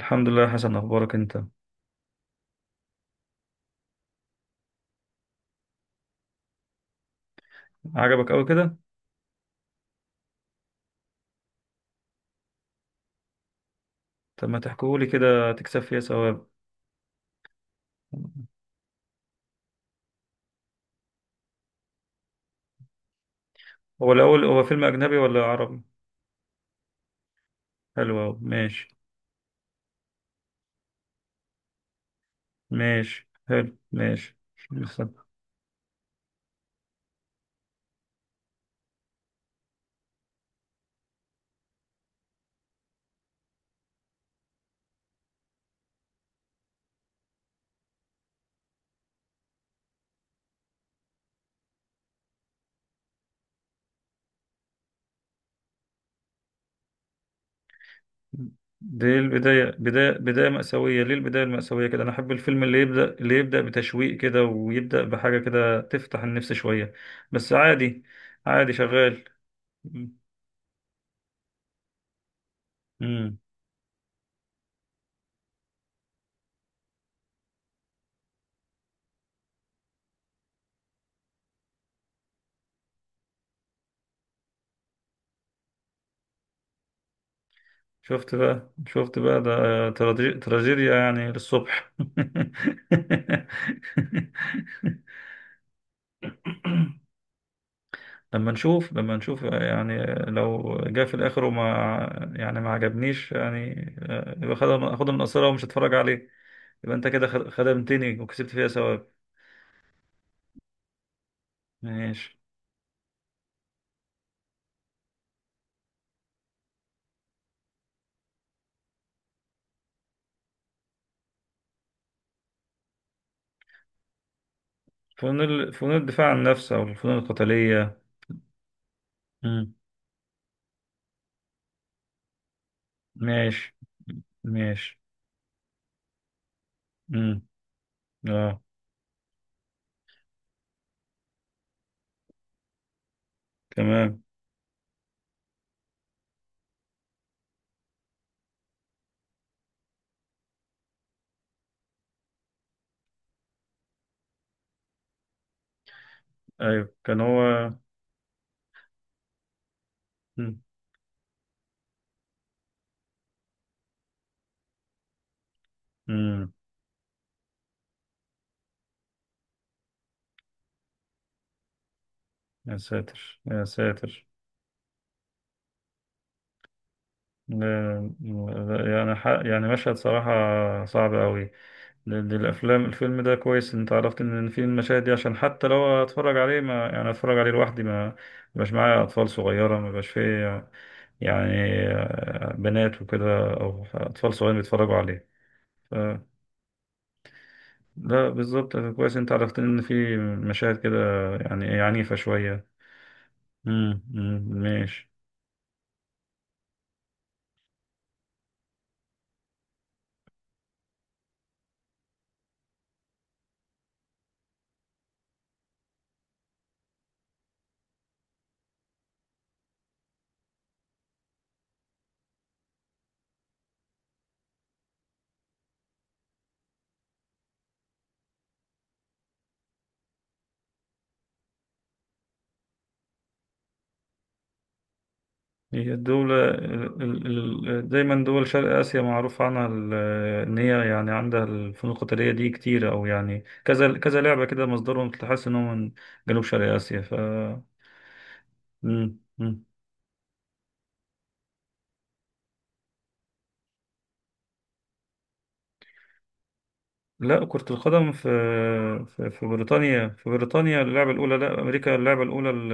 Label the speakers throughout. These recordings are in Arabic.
Speaker 1: الحمد لله يا حسن، اخبارك انت؟ عجبك قوي كده؟ طب ما تحكيهولي كده تكسب فيها ثواب. هو الاول، هو فيلم اجنبي ولا عربي؟ حلو أوي. ماشي. ماشي، حلو، ماشي. بس. دي البداية، بداية مأساوية، ليه البداية المأساوية كده؟ أنا أحب الفيلم اللي يبدأ بتشويق كده، ويبدأ بحاجة كده تفتح النفس شوية. بس عادي. عادي، شغال. مم. شفت بقى ده. تراجيديا يعني للصبح. لما نشوف يعني، لو جه في الاخر وما يعني ما عجبنيش يعني. يبقى اخد من قصيرة ومش هتفرج عليه. يبقى انت كده خدمتني وكسبت فيها ثواب. ماشي. فنون الدفاع عن النفس او الفنون القتالية. مم. ماشي، ماشي. مم. اه، تمام. ايوه، كان هو. مم. مم. يا ساتر، يا ساتر! يعني يعني مشهد صراحة صعب قوي. لأن الفيلم ده كويس إن أنت عرفت إن في المشاهد دي، عشان حتى لو أتفرج عليه، ما يعني أتفرج عليه لوحدي، ما مبقاش معايا أطفال صغيرة، ما بقاش فيه، يعني بنات وكده، أو أطفال صغيرين بيتفرجوا عليه. ف- لا، بالظبط كويس إن أنت عرفت إن في مشاهد كده، يعني إيه، عنيفة شوية. أمم، ماشي. هي الدولة دايما، دول شرق آسيا معروف عنها إن هي يعني عندها الفنون القتالية دي كتير، أو يعني كذا كذا لعبة كده، مصدرهم تحس إنهم من جنوب شرق آسيا ف مم. مم. لا، كرة القدم في بريطانيا اللعبة الأولى. لا، أمريكا اللعبة الأولى.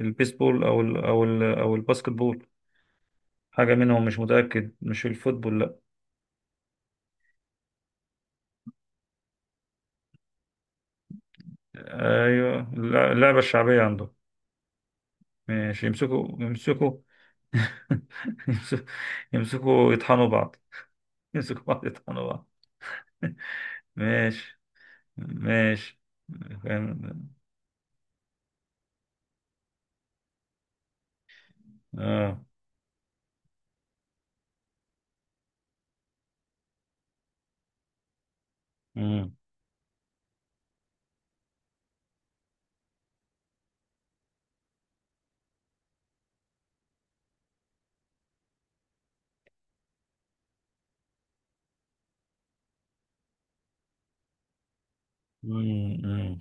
Speaker 1: البيسبول أو الباسكت بول، حاجة منهم مش متأكد، مش الفوتبول، لا. أيوه، اللعبة الشعبية عندهم. مش يمسكوا، يمسكوا. يمسكوا، يمسكوا يطحنوا بعض. يمسكوا بعض يطحنوا بعض. ماشي، ماشي. فاهم، اه. مم. مم. مم.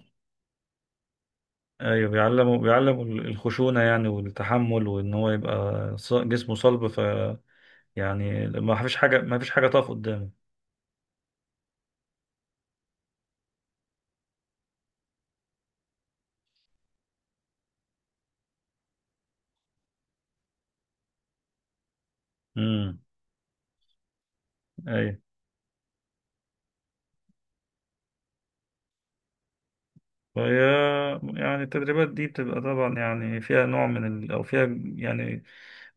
Speaker 1: ايوه، بيعلموا بيعلموا الخشونه يعني، والتحمل، وان هو يبقى جسمه صلب ف، يعني ما فيش حاجه، ما فيش حاجه تقف قدامه. امم ايوه. فهي يعني التدريبات دي بتبقى طبعا يعني فيها نوع من ال... او فيها يعني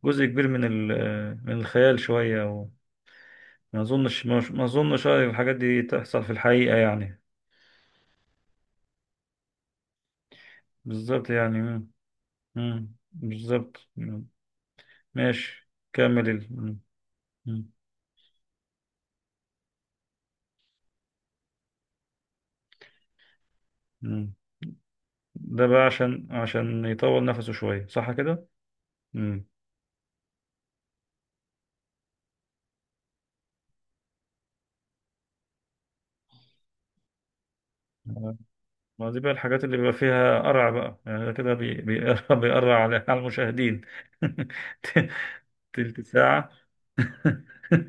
Speaker 1: جزء كبير من الخيال شوية، وما أظنش، ما أظنش، أيوة، الحاجات دي تحصل في الحقيقة يعني. بالظبط يعني. مم. مم. بالظبط. مم. ماشي، كمل ال... مم. مم. مم. ده بقى عشان يطول نفسه شوية، صح كده؟ مم. ما دي بقى الحاجات اللي بيبقى فيها قرع بقى يعني، ده كده بيقرع. بيقرع على المشاهدين. تلت ساعة.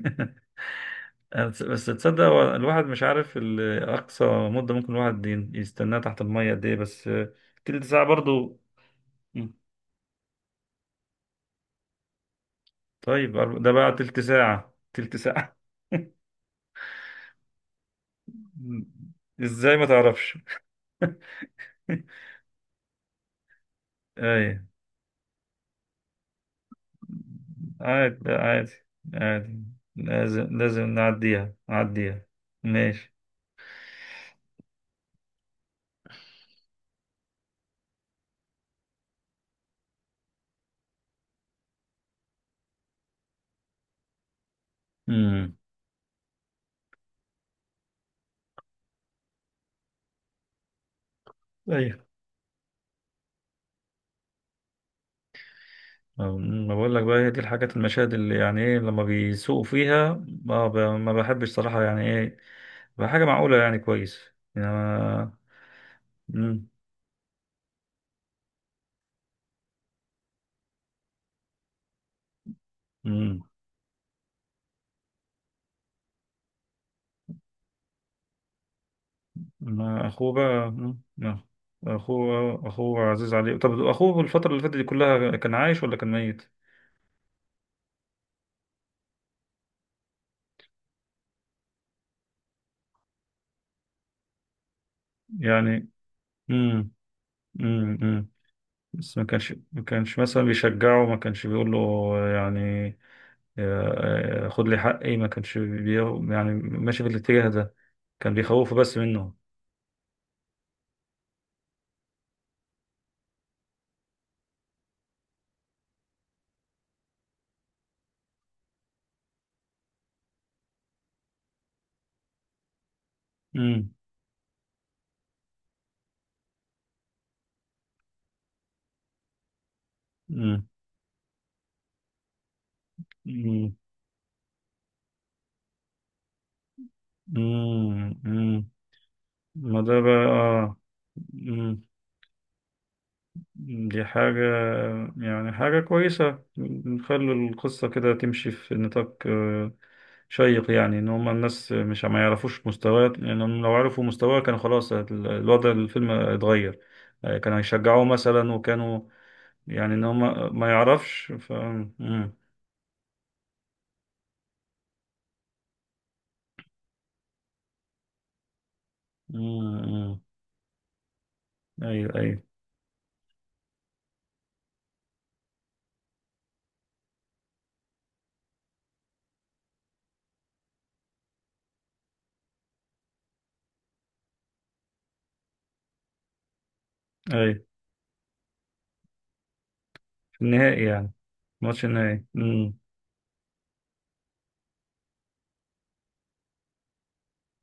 Speaker 1: بس تصدق؟ هو الواحد مش عارف ال-، أقصى مدة ممكن الواحد يستناها تحت المية قد إيه، بس تلت ساعة برضو. مم. طيب ده بقى تلت ساعة، تلت ساعة. مم. إزاي ما تعرفش؟ أي، عادي، لا عادي، عادي. لازم، لازم نعديها، نعديها. ماشي. امم ما بقول لك بقى، هي دي الحاجات، المشاهد اللي يعني ايه لما بيسوقوا فيها. ما بحبش صراحة، يعني ايه، بقى حاجة معقولة يعني كويس، يعني ما... مم. مم. ما اخوه بقى. مم. ما اخوه، اخوه عزيز عليه. طب اخوه الفترة اللي فاتت دي كلها كان عايش ولا كان ميت؟ يعني. مم. مم. مم. بس ما كانش مثلا بيشجعه، ما كانش بيقول له يعني خد لي حقي، ما كانش يعني ماشي في الاتجاه ده، كان بيخوفه بس منه. مم. مم. مم. مم. مم. ما ده بقى مم. دي حاجة، يعني حاجة كويسة نخلي القصة كده تمشي في نطاق شيق يعني، إن هما الناس مش ما يعرفوش مستواه، لأنهم لو عرفوا مستواه كان خلاص الوضع الفيلم اتغير. كانوا هيشجعوه مثلا، وكانوا يعني ان هو ما يعرفش ف مم. مم. مم. ايوه، ايوه، ايوه. في النهائي يعني. ماتش النهائي. مم.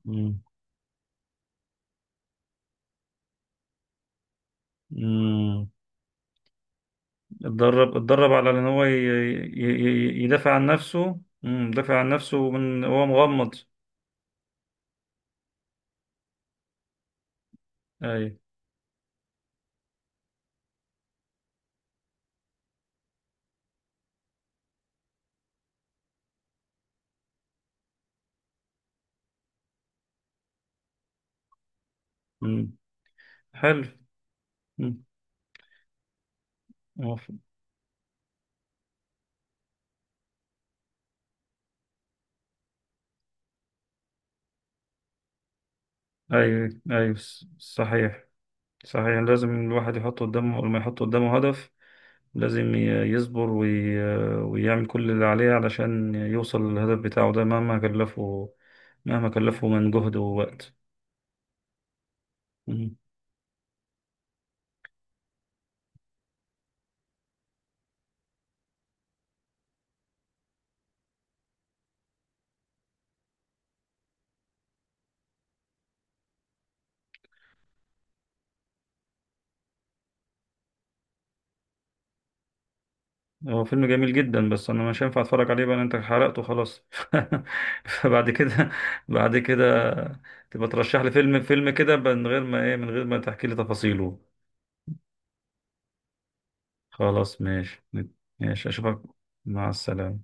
Speaker 1: مم. مم. اتدرب على ان هو يدافع عن نفسه. مم. يدافع عن نفسه من هو مغمض. ايوه. مم. حلو. مم. موافق. ايوه، ايوه. صحيح، صحيح. لازم الواحد يحط قدامه، لما يحط قدامه هدف، لازم يصبر ويعمل كل اللي عليه علشان يوصل للهدف بتاعه ده، مهما كلفه، مهما كلفه من جهد ووقت. مم. هو فيلم جميل جدا، بس انا مش هينفع اتفرج عليه بقى لأن انت حرقته خلاص. فبعد كده، بعد كده تبقى ترشح لي فيلم، فيلم كده من غير ما تحكي لي تفاصيله. خلاص ماشي. ماشي، اشوفك. مع السلامة.